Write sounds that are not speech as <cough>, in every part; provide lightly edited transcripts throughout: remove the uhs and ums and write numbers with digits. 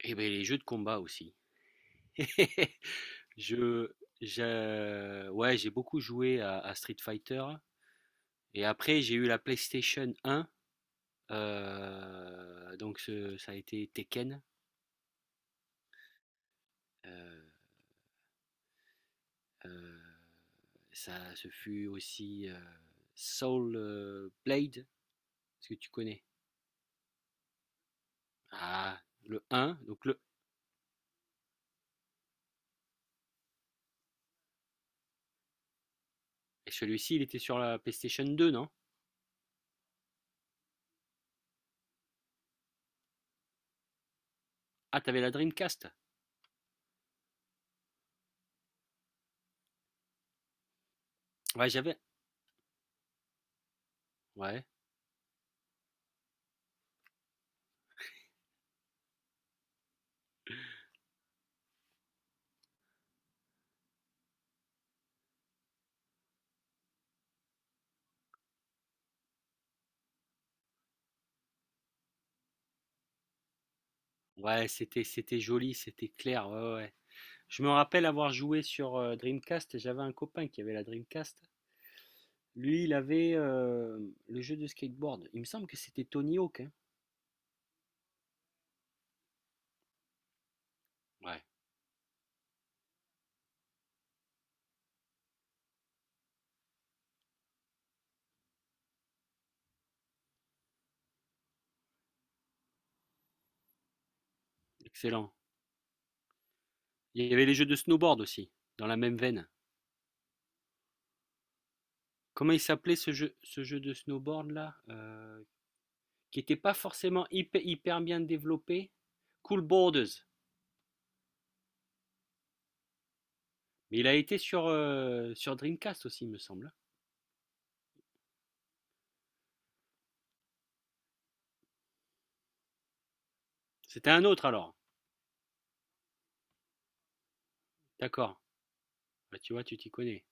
Et ben les jeux de combat aussi. <laughs> Je, ouais, j'ai beaucoup joué à Street Fighter. Et après, j'ai eu la PlayStation 1. Donc, ça a été Tekken. Euh, euh, Ce fut aussi Soul Blade. Est-ce que tu connais? Ah, le 1. Et celui-ci, il était sur la PlayStation 2, non? Ah, t'avais la Dreamcast. Ouais, j'avais. Ouais. Ouais, c'était joli, c'était clair. Ouais, ouais, ouais. Je me rappelle avoir joué sur Dreamcast, et j'avais un copain qui avait la Dreamcast. Lui, il avait le jeu de skateboard. Il me semble que c'était Tony Hawk, hein. Ouais, excellent. Il y avait les jeux de snowboard aussi, dans la même veine. Comment il s'appelait ce jeu de snowboard là, qui n'était pas forcément hyper, hyper bien développé. Cool Borders. Mais il a été sur, sur Dreamcast aussi, il me semble, hein. C'était un autre alors. D'accord. Bah, tu vois, tu t'y connais.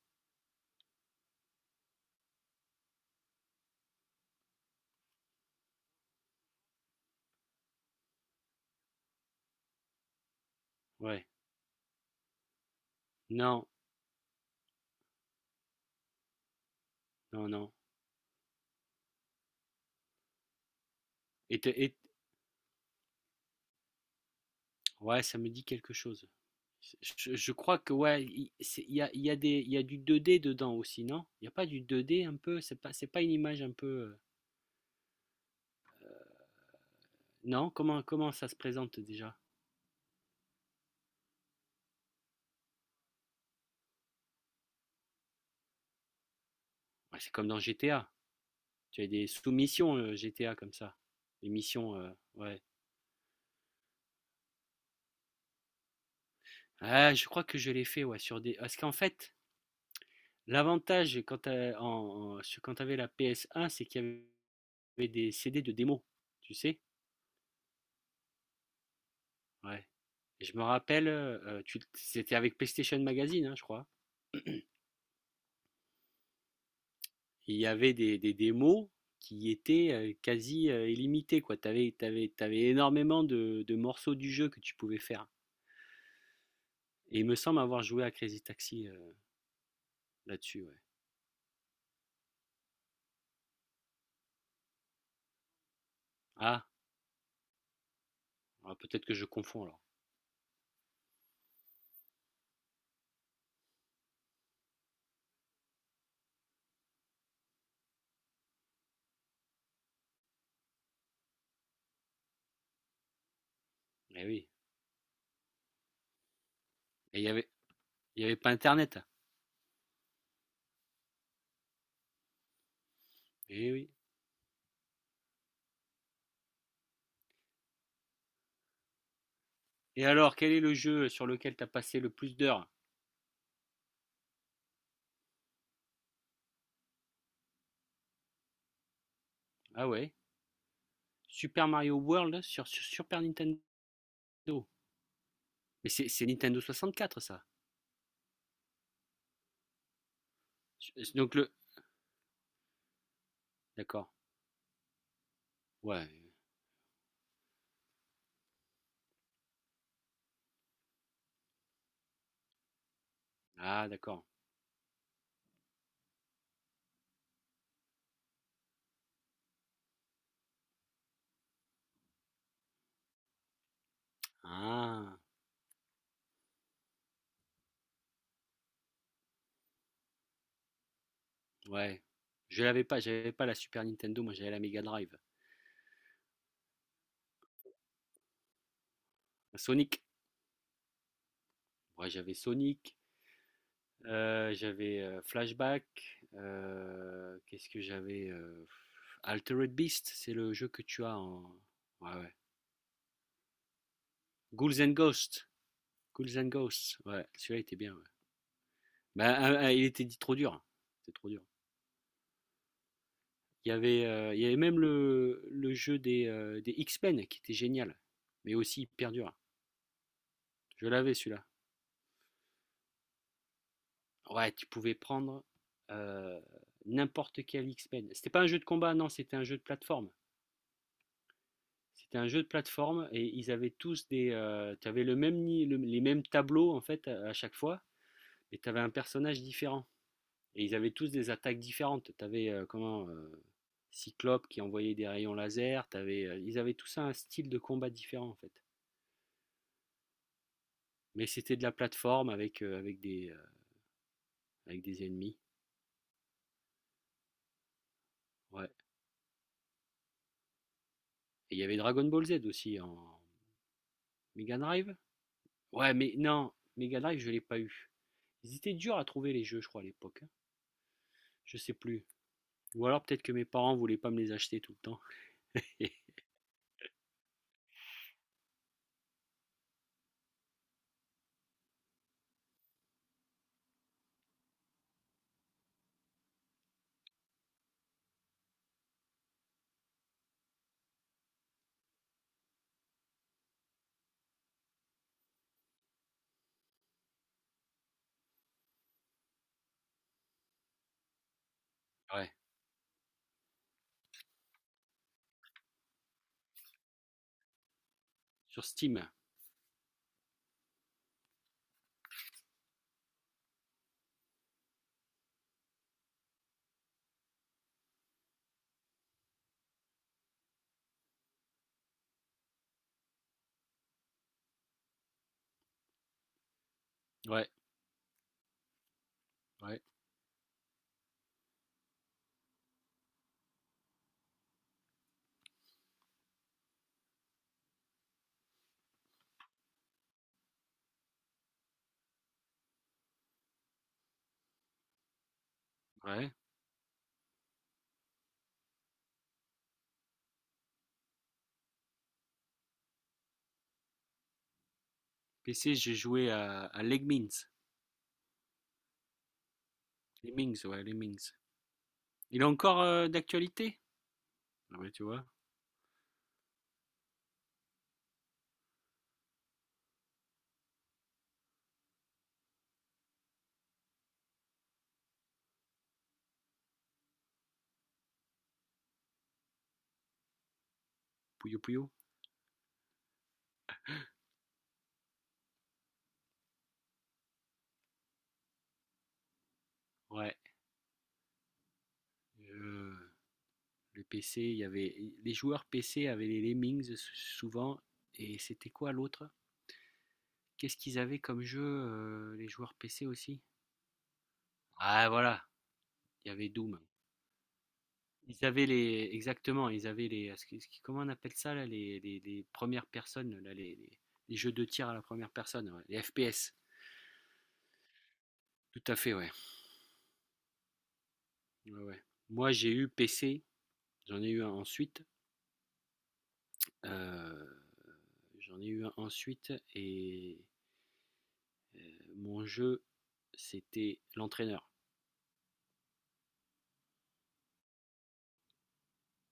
Ouais. Non, non, non. Et, et- Ouais, ça me dit quelque chose. Je crois que ouais, il y a des, il y a du 2D dedans aussi, non? Il n'y a pas du 2D un peu? C'est pas une image un peu, non? Comment ça se présente déjà? Ouais, c'est comme dans GTA. Tu as des sous-missions GTA comme ça. Des missions, ouais. Ah, je crois que je l'ai fait, ouais, sur des. Parce qu'en fait, l'avantage quand t'as- en, en- sur- quand t'avais la PS1, c'est qu'il y avait des CD de démo, tu sais? Ouais. Et je me rappelle, c'était avec PlayStation Magazine, hein, je crois. Il y avait des démos qui étaient quasi illimitées, quoi. Tu avais t'avais, t'avais énormément de morceaux du jeu que tu pouvais faire. Et il me semble avoir joué à Crazy Taxi là-dessus, ouais. Ah, ah, peut-être que je confonds alors. Eh oui. Et il y avait pas Internet. Eh oui. Et alors, quel est le jeu sur lequel t'as passé le plus d'heures? Ah ouais. Super Mario World sur Super Nintendo. Mais c'est Nintendo 64 ça. Donc le. D'accord. Ouais. Ah, d'accord. Ah. Ouais. Je l'avais pas, j'avais pas la Super Nintendo, moi j'avais la Mega Drive. Sonic. Ouais, j'avais Sonic. J'avais Flashback. Qu'est-ce que j'avais, Altered Beast, c'est le jeu que tu as en. Ouais, ouais. Ghouls and Ghosts. Ghouls and Ghosts. Ouais, celui-là était bien, ouais. Bah, il était dit trop dur. C'était trop dur. Il y avait même le jeu des X-Men qui était génial, mais aussi hyper dur. Je l'avais celui-là. Ouais, tu pouvais prendre euh, n'importe quel X-Men. C'était pas un jeu de combat, non, c'était un jeu de plateforme. C'était un jeu de plateforme et ils avaient tous des. Tu avais les mêmes tableaux en fait à chaque fois et tu avais un personnage différent. Et ils avaient tous des attaques différentes. Tu avais comment, Cyclope qui envoyait des rayons laser. T'avais, ils avaient tous un style de combat différent en fait. Mais c'était de la plateforme avec des ennemis. Ouais. Et il y avait Dragon Ball Z aussi en Mega Drive. Ouais, mais non, Mega Drive, je l'ai pas eu. Ils étaient durs à trouver les jeux, je crois, à l'époque, hein. Je sais plus. Ou alors peut-être que mes parents voulaient pas me les acheter tout le temps. <laughs> Ouais, sur Steam. Ouais, ouais, ouais. PC, j'ai joué à Lemmings. Lemmings, ouais, Lemmings. Il est encore d'actualité? Ah ouais, tu vois, Puyo Puyo. Ouais. Euh, le PC, il y avait les joueurs PC avaient les Lemmings souvent. Et c'était quoi l'autre? Qu'est-ce qu'ils avaient comme jeu, les joueurs PC aussi? Ah voilà, il y avait Doom. Ils avaient les exactement, ils avaient les comment on appelle ça là, les premières personnes là, les jeux de tir à la première personne, ouais, les FPS. Tout à fait, ouais. Ouais, ouais. Moi, j'ai eu PC, j'en ai eu un ensuite, euh, j'en ai eu un ensuite et mon jeu c'était l'entraîneur.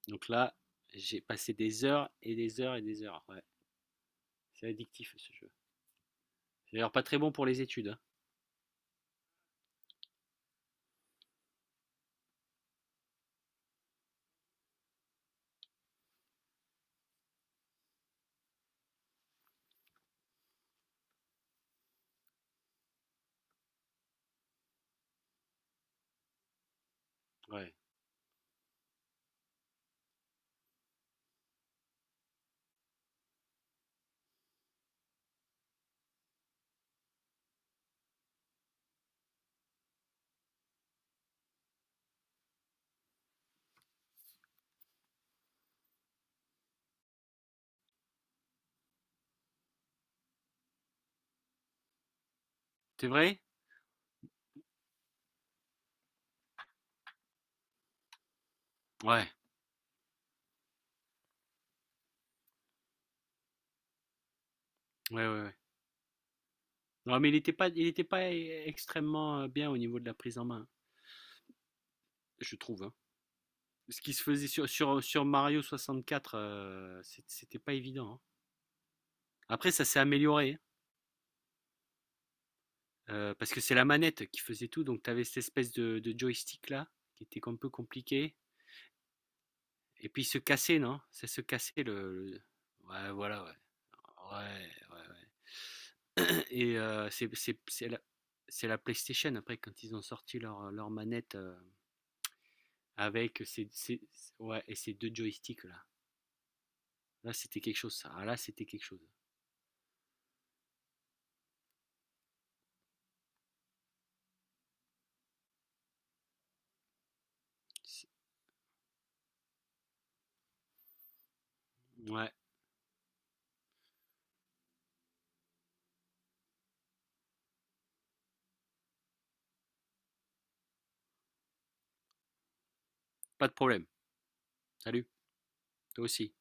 Donc là, j'ai passé des heures et des heures et des heures. Ouais, c'est addictif ce jeu. C'est d'ailleurs pas très bon pour les études, hein. Ouais. C'est vrai? Ouais. Ouais, ouais, ouais. Non, mais il était pas extrêmement bien au niveau de la prise en main, je trouve, hein. Ce qui se faisait sur Mario 64, c'était pas évident, hein. Après, ça s'est amélioré, hein, parce que c'est la manette qui faisait tout, donc tu avais cette espèce de joystick là, qui était un peu compliqué. Et puis il se cassait, non? Ça se cassait. Ouais, voilà, ouais. Ouais, ouais, ouais. <clears throat> Et c'est la PlayStation après, quand ils ont sorti leur manette, avec ouais, et ces deux joysticks là. Là, c'était quelque chose, ça. Ah, là, c'était quelque chose. Ouais, pas de problème. Salut, toi aussi.